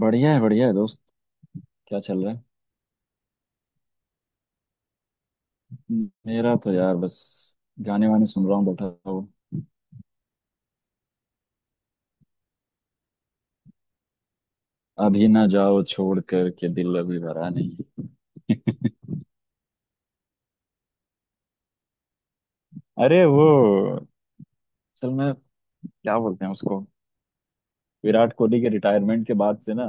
बढ़िया है दोस्त। क्या चल रहा है? मेरा तो यार बस गाने वाने सुन रहा हूँ बैठा हूँ। अभी ना जाओ छोड़ कर के, दिल अभी भरा नहीं। अरे वो, असल में, क्या बोलते हैं उसको, विराट कोहली के रिटायरमेंट के बाद से ना,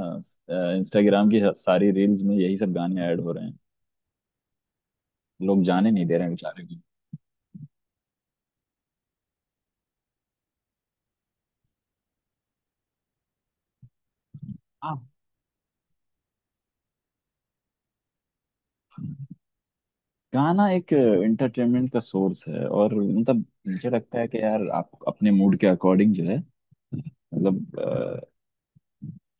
इंस्टाग्राम की सारी रील्स में यही सब गाने ऐड हो रहे हैं। लोग जाने नहीं दे रहे हैं बेचारे को। हाँ। गाना एक एंटरटेनमेंट का सोर्स है, और मतलब मुझे लगता है कि यार आप अपने मूड के अकॉर्डिंग जो है, मतलब,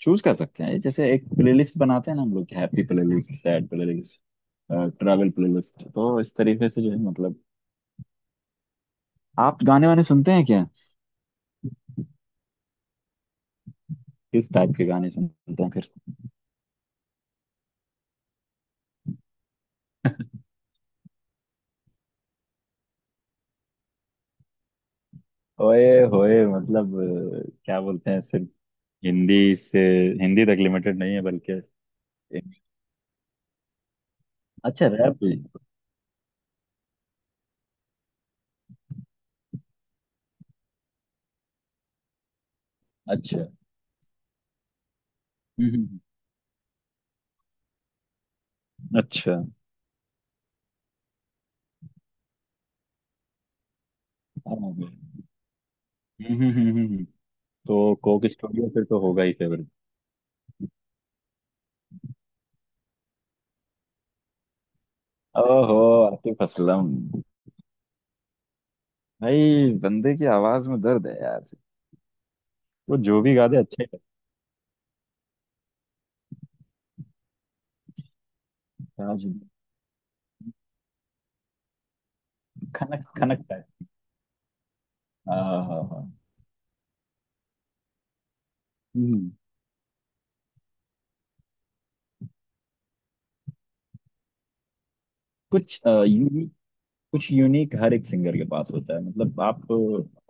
चूज कर सकते हैं। जैसे एक प्लेलिस्ट बनाते हैं ना हम लोग, happy playlist, sad playlist, travel playlist, तो इस तरीके से जो है, मतलब। आप गाने वाने सुनते हैं क्या? किस टाइप के गाने सुनते हैं फिर? ओए होए, मतलब, क्या बोलते हैं, सिर्फ हिंदी से हिंदी तक लिमिटेड नहीं है बल्कि। अच्छा रैप भी। अच्छा। हम्म। हम्म। अच्छा। हाँ। हाँ। हम्म। हम्म। हम्म। हम्म। हम्म। तो कोक स्टूडियो फिर तो होगा ही फेवरेट। ओहो। आतिफ असलम। भाई बंदे की आवाज में दर्द है यार। वो जो भी गा दे अच्छा ही लगता है आज भी। खनक खनकता है। हाँ, हाँ, हाँ। हम्म। कुछ यूनिक कुछ यूनिक हर एक सिंगर के पास होता है, मतलब आप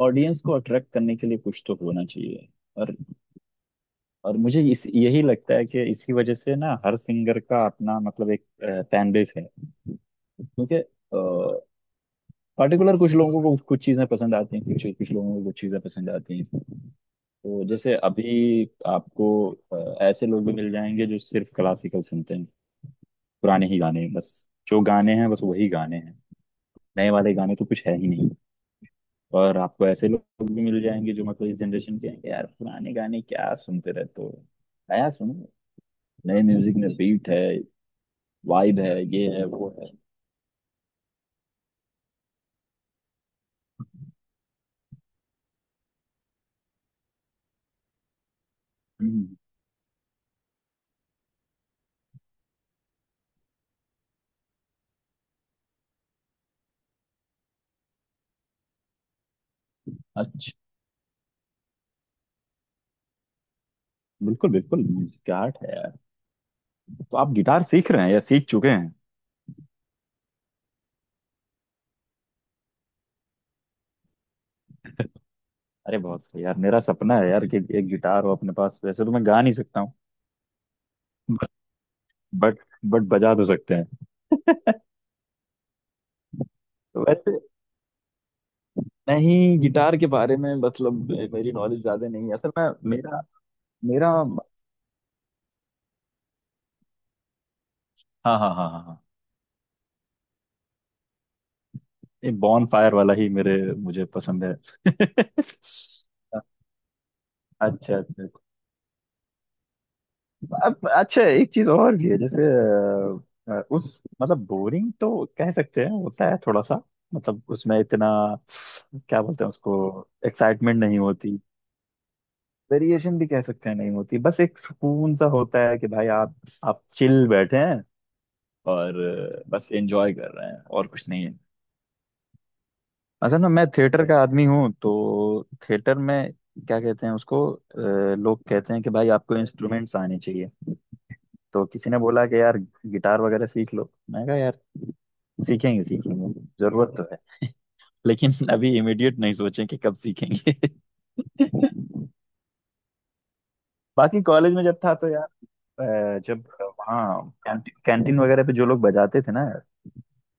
ऑडियंस को अट्रैक्ट करने के लिए कुछ तो होना चाहिए। और और मुझे इस यही लगता है कि इसी वजह से ना हर सिंगर का अपना मतलब एक फैन बेस है। क्योंकि पर्टिकुलर कुछ लोगों को कुछ चीजें पसंद आती हैं, कुछ कुछ लोगों को कुछ चीजें पसंद आती हैं। तो जैसे अभी आपको, अ, ऐसे लोग भी मिल जाएंगे जो सिर्फ क्लासिकल सुनते हैं। पुराने ही गाने बस, जो गाने हैं बस वही गाने हैं, नए वाले गाने तो कुछ है ही नहीं। और आपको ऐसे लोग भी मिल जाएंगे जो मतलब इस जनरेशन के हैं कि यार पुराने गाने क्या सुनते रहते हो, नया सुनो, नए म्यूजिक में बीट है, वाइब है, ये है वो है। हम्म। अच्छा। बिल्कुल बिल्कुल म्यूजिक का आर्ट है यार। तो आप गिटार सीख रहे हैं या सीख चुके हैं? अरे बहुत सही यार, मेरा सपना है यार कि एक गिटार हो अपने पास, वैसे तो मैं गा नहीं सकता हूँ। बट बट बजा तो सकते हैं। तो वैसे, नहीं गिटार के बारे में मतलब मेरी नॉलेज ज्यादा नहीं है असल में मेरा मेरा। हाँ, हाँ, हाँ, हाँ, हाँ। ये बॉन फायर वाला ही मेरे मुझे पसंद है। अच्छा, अच्छा, अच्छा। अब अच्छा एक चीज और भी है जैसे, उस मतलब बोरिंग तो कह सकते हैं होता है थोड़ा सा, मतलब उसमें इतना क्या बोलते हैं उसको एक्साइटमेंट नहीं होती। वेरिएशन भी कह सकते हैं नहीं होती, बस एक सुकून सा होता है कि भाई आप चिल बैठे हैं। और बस एंजॉय कर रहे हैं और कुछ नहीं है। असल में मैं थिएटर का आदमी हूँ, तो थिएटर में क्या कहते हैं उसको, लोग कहते हैं कि भाई आपको इंस्ट्रूमेंट्स आने चाहिए। तो किसी ने बोला कि यार गिटार वगैरह सीख लो, मैं कहा यार सीखेंगे सीखेंगे, जरूरत तो है, लेकिन अभी इमीडिएट नहीं सोचें कि कब सीखेंगे। बाकी कॉलेज में जब था तो यार जब वहाँ कैंटीन वगैरह पे जो लोग बजाते थे ना यार,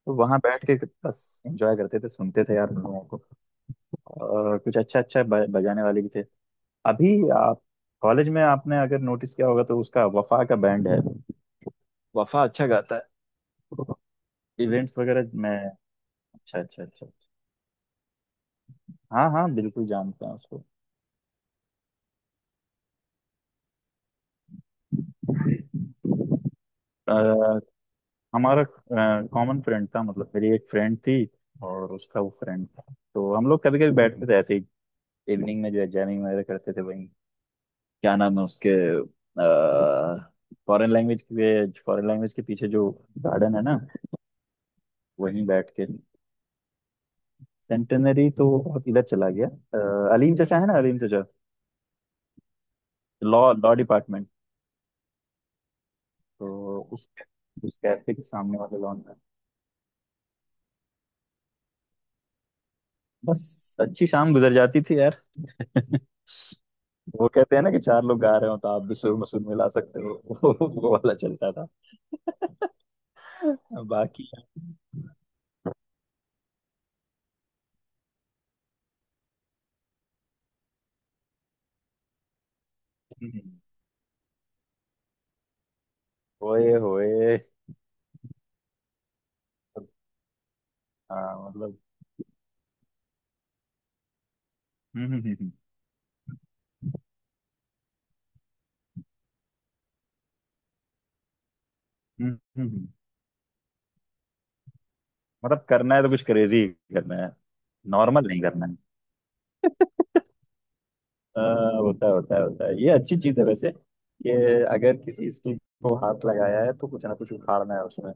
तो वहाँ बैठ के बस एंजॉय करते थे सुनते थे यार दुनिया को। और कुछ अच्छा अच्छा बजाने वाले भी थे। अभी आप, कॉलेज में आपने अगर नोटिस किया होगा तो उसका वफा का बैंड है। वफा अच्छा गाता है इवेंट्स वगैरह में। अच्छा, अच्छा, अच्छा, अच्छा। हाँ, हाँ, बिल्कुल जानते हैं उसको। अ, हमारा कॉमन फ्रेंड था, मतलब मेरी एक फ्रेंड थी और उसका वो फ्रेंड था। तो हम लोग कभी कभी बैठते थे ऐसे ही इवनिंग में जो है जैमिंग वगैरह करते थे वहीं। क्या नाम है उसके, आ, फॉरेन लैंग्वेज के पीछे जो गार्डन है ना, वहीं बैठ के। सेंटेनरी तो बहुत इधर चला गया, अलीम चचा है ना, अलीम चचा। Law law department. तो उस कैफे के सामने वाले लॉन में बस अच्छी शाम गुजर जाती थी यार। वो कहते हैं ना कि चार लोग गा रहे हो तो आप भी सुर मसूर मिला सकते हो। वो वाला चलता था। बाकी। हम्म। ओए होए। हाँ, मतलब। हम्म। हम्म। हम्म। हम्म। हम्म। हम्म। मतलब करना है तो कुछ क्रेजी करना है, नॉर्मल नहीं करना है। होता है होता है होता है, ये अच्छी चीज है वैसे, कि अगर किसी स्किल को हाथ लगाया है तो कुछ ना कुछ उखाड़ना है उसमें।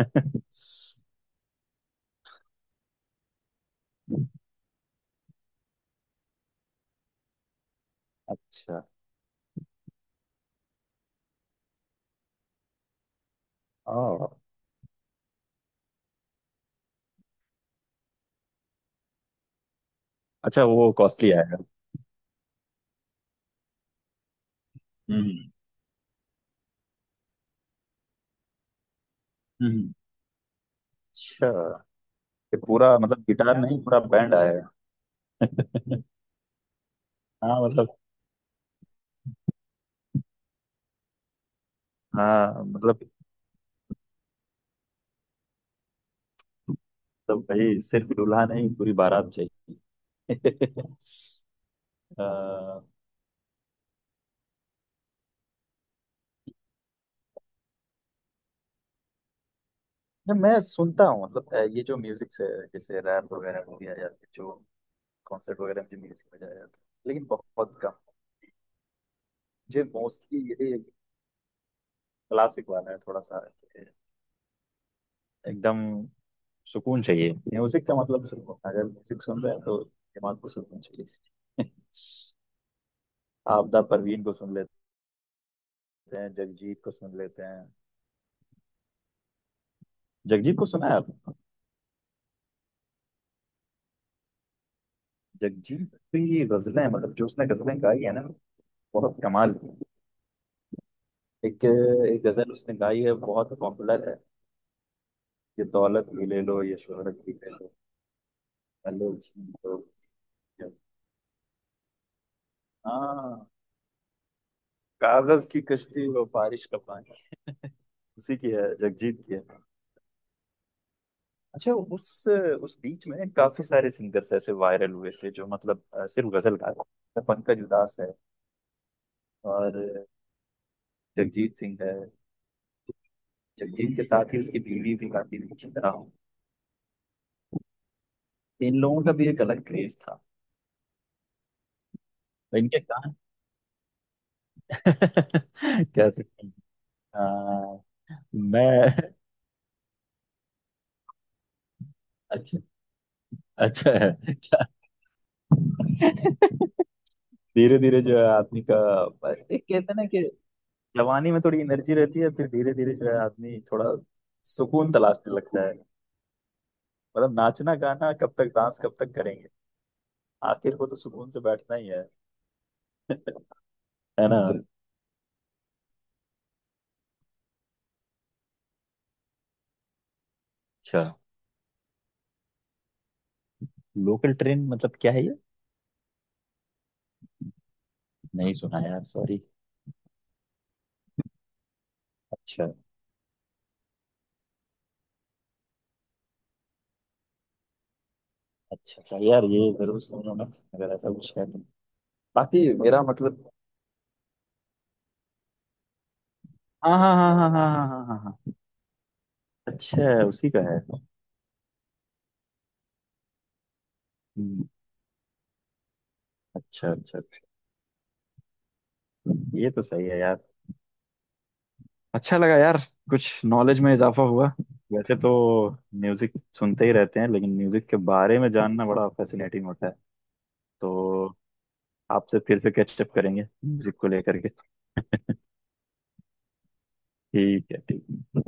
अच्छा। आ, अच्छा, वो कॉस्टली आएगा? हम्म। हम्म। अच्छा, ये पूरा मतलब गिटार नहीं पूरा बैंड आएगा? हाँ मतलब हाँ मतलब तो भाई सिर्फ दूल्हा नहीं पूरी बारात चाहिए। अ, जब मैं सुनता हूँ मतलब, ये जो म्यूजिक से जैसे रैप वगैरह हो गया या फिर जो कॉन्सर्ट वगैरह में जो म्यूजिक बजाया जाता है लेकिन बहुत कम। मुझे मोस्टली यही क्लासिक वाला है थोड़ा सा एकदम। सुकून चाहिए म्यूजिक का, मतलब सुकून, अगर म्यूजिक सुन रहे हैं तो दिमाग को सुकून चाहिए। आपदा परवीन को सुन लेते हैं, जगजीत को सुन लेते हैं। जगजीत को सुना है आप? जगजीत की गजलें, मतलब जो उसने गजलें गाई है ना, बहुत कमाल की। एक एक गजल उसने गाई है बहुत पॉपुलर है। ये दौलत भी ले लो ये शोहरत भी ले लो। पहले उसने तो- हाँ। कागज की कश्ती वो बारिश का पानी, उसी की है, जगजीत की है। अच्छा, उस बीच में काफी सारे सिंगर्स ऐसे वायरल हुए थे जो मतलब, सिर्फ गजल गा रहे थे। पंकज उधास है और जगजीत सिंह है। जगजीत के साथ ही उसकी बीवी भी गाती थी, चित्रा। इन लोगों का भी एक अलग क्रेज था। तो इनके कान क्या सकते हैं। आ, मैं। अच्छा। अच्छा है क्या? धीरे धीरे जो है आदमी का एक कहते हैं ना कि जवानी में थोड़ी एनर्जी रहती है, फिर धीरे धीरे जो है आदमी थोड़ा सुकून तलाशने लगता है। मतलब नाचना गाना कब तक, डांस कब तक करेंगे, आखिर को तो सुकून से बैठना ही है। है ना। अच्छा। लोकल ट्रेन मतलब क्या है ये? नहीं सुना यार, सॉरी। अच्छा, अच्छा, अच्छा। यार ये जरूर सुनूंगा मैं अगर ऐसा कुछ है तो। बाकी मेरा मतलब, हाँ, हाँ, हाँ, हाँ, हाँ, हाँ, हाँ, हाँ, हाँ। अच्छा, उसी का है। हम्म। अच्छा, अच्छा, अच्छा। ये तो सही है यार, अच्छा लगा यार, कुछ नॉलेज में इजाफा हुआ। वैसे तो म्यूजिक सुनते ही रहते हैं लेकिन म्यूजिक के बारे में जानना बड़ा फैसिनेटिंग होता है। तो आपसे फिर से कैचअप करेंगे म्यूजिक को लेकर के। ठीक है, ठीक है।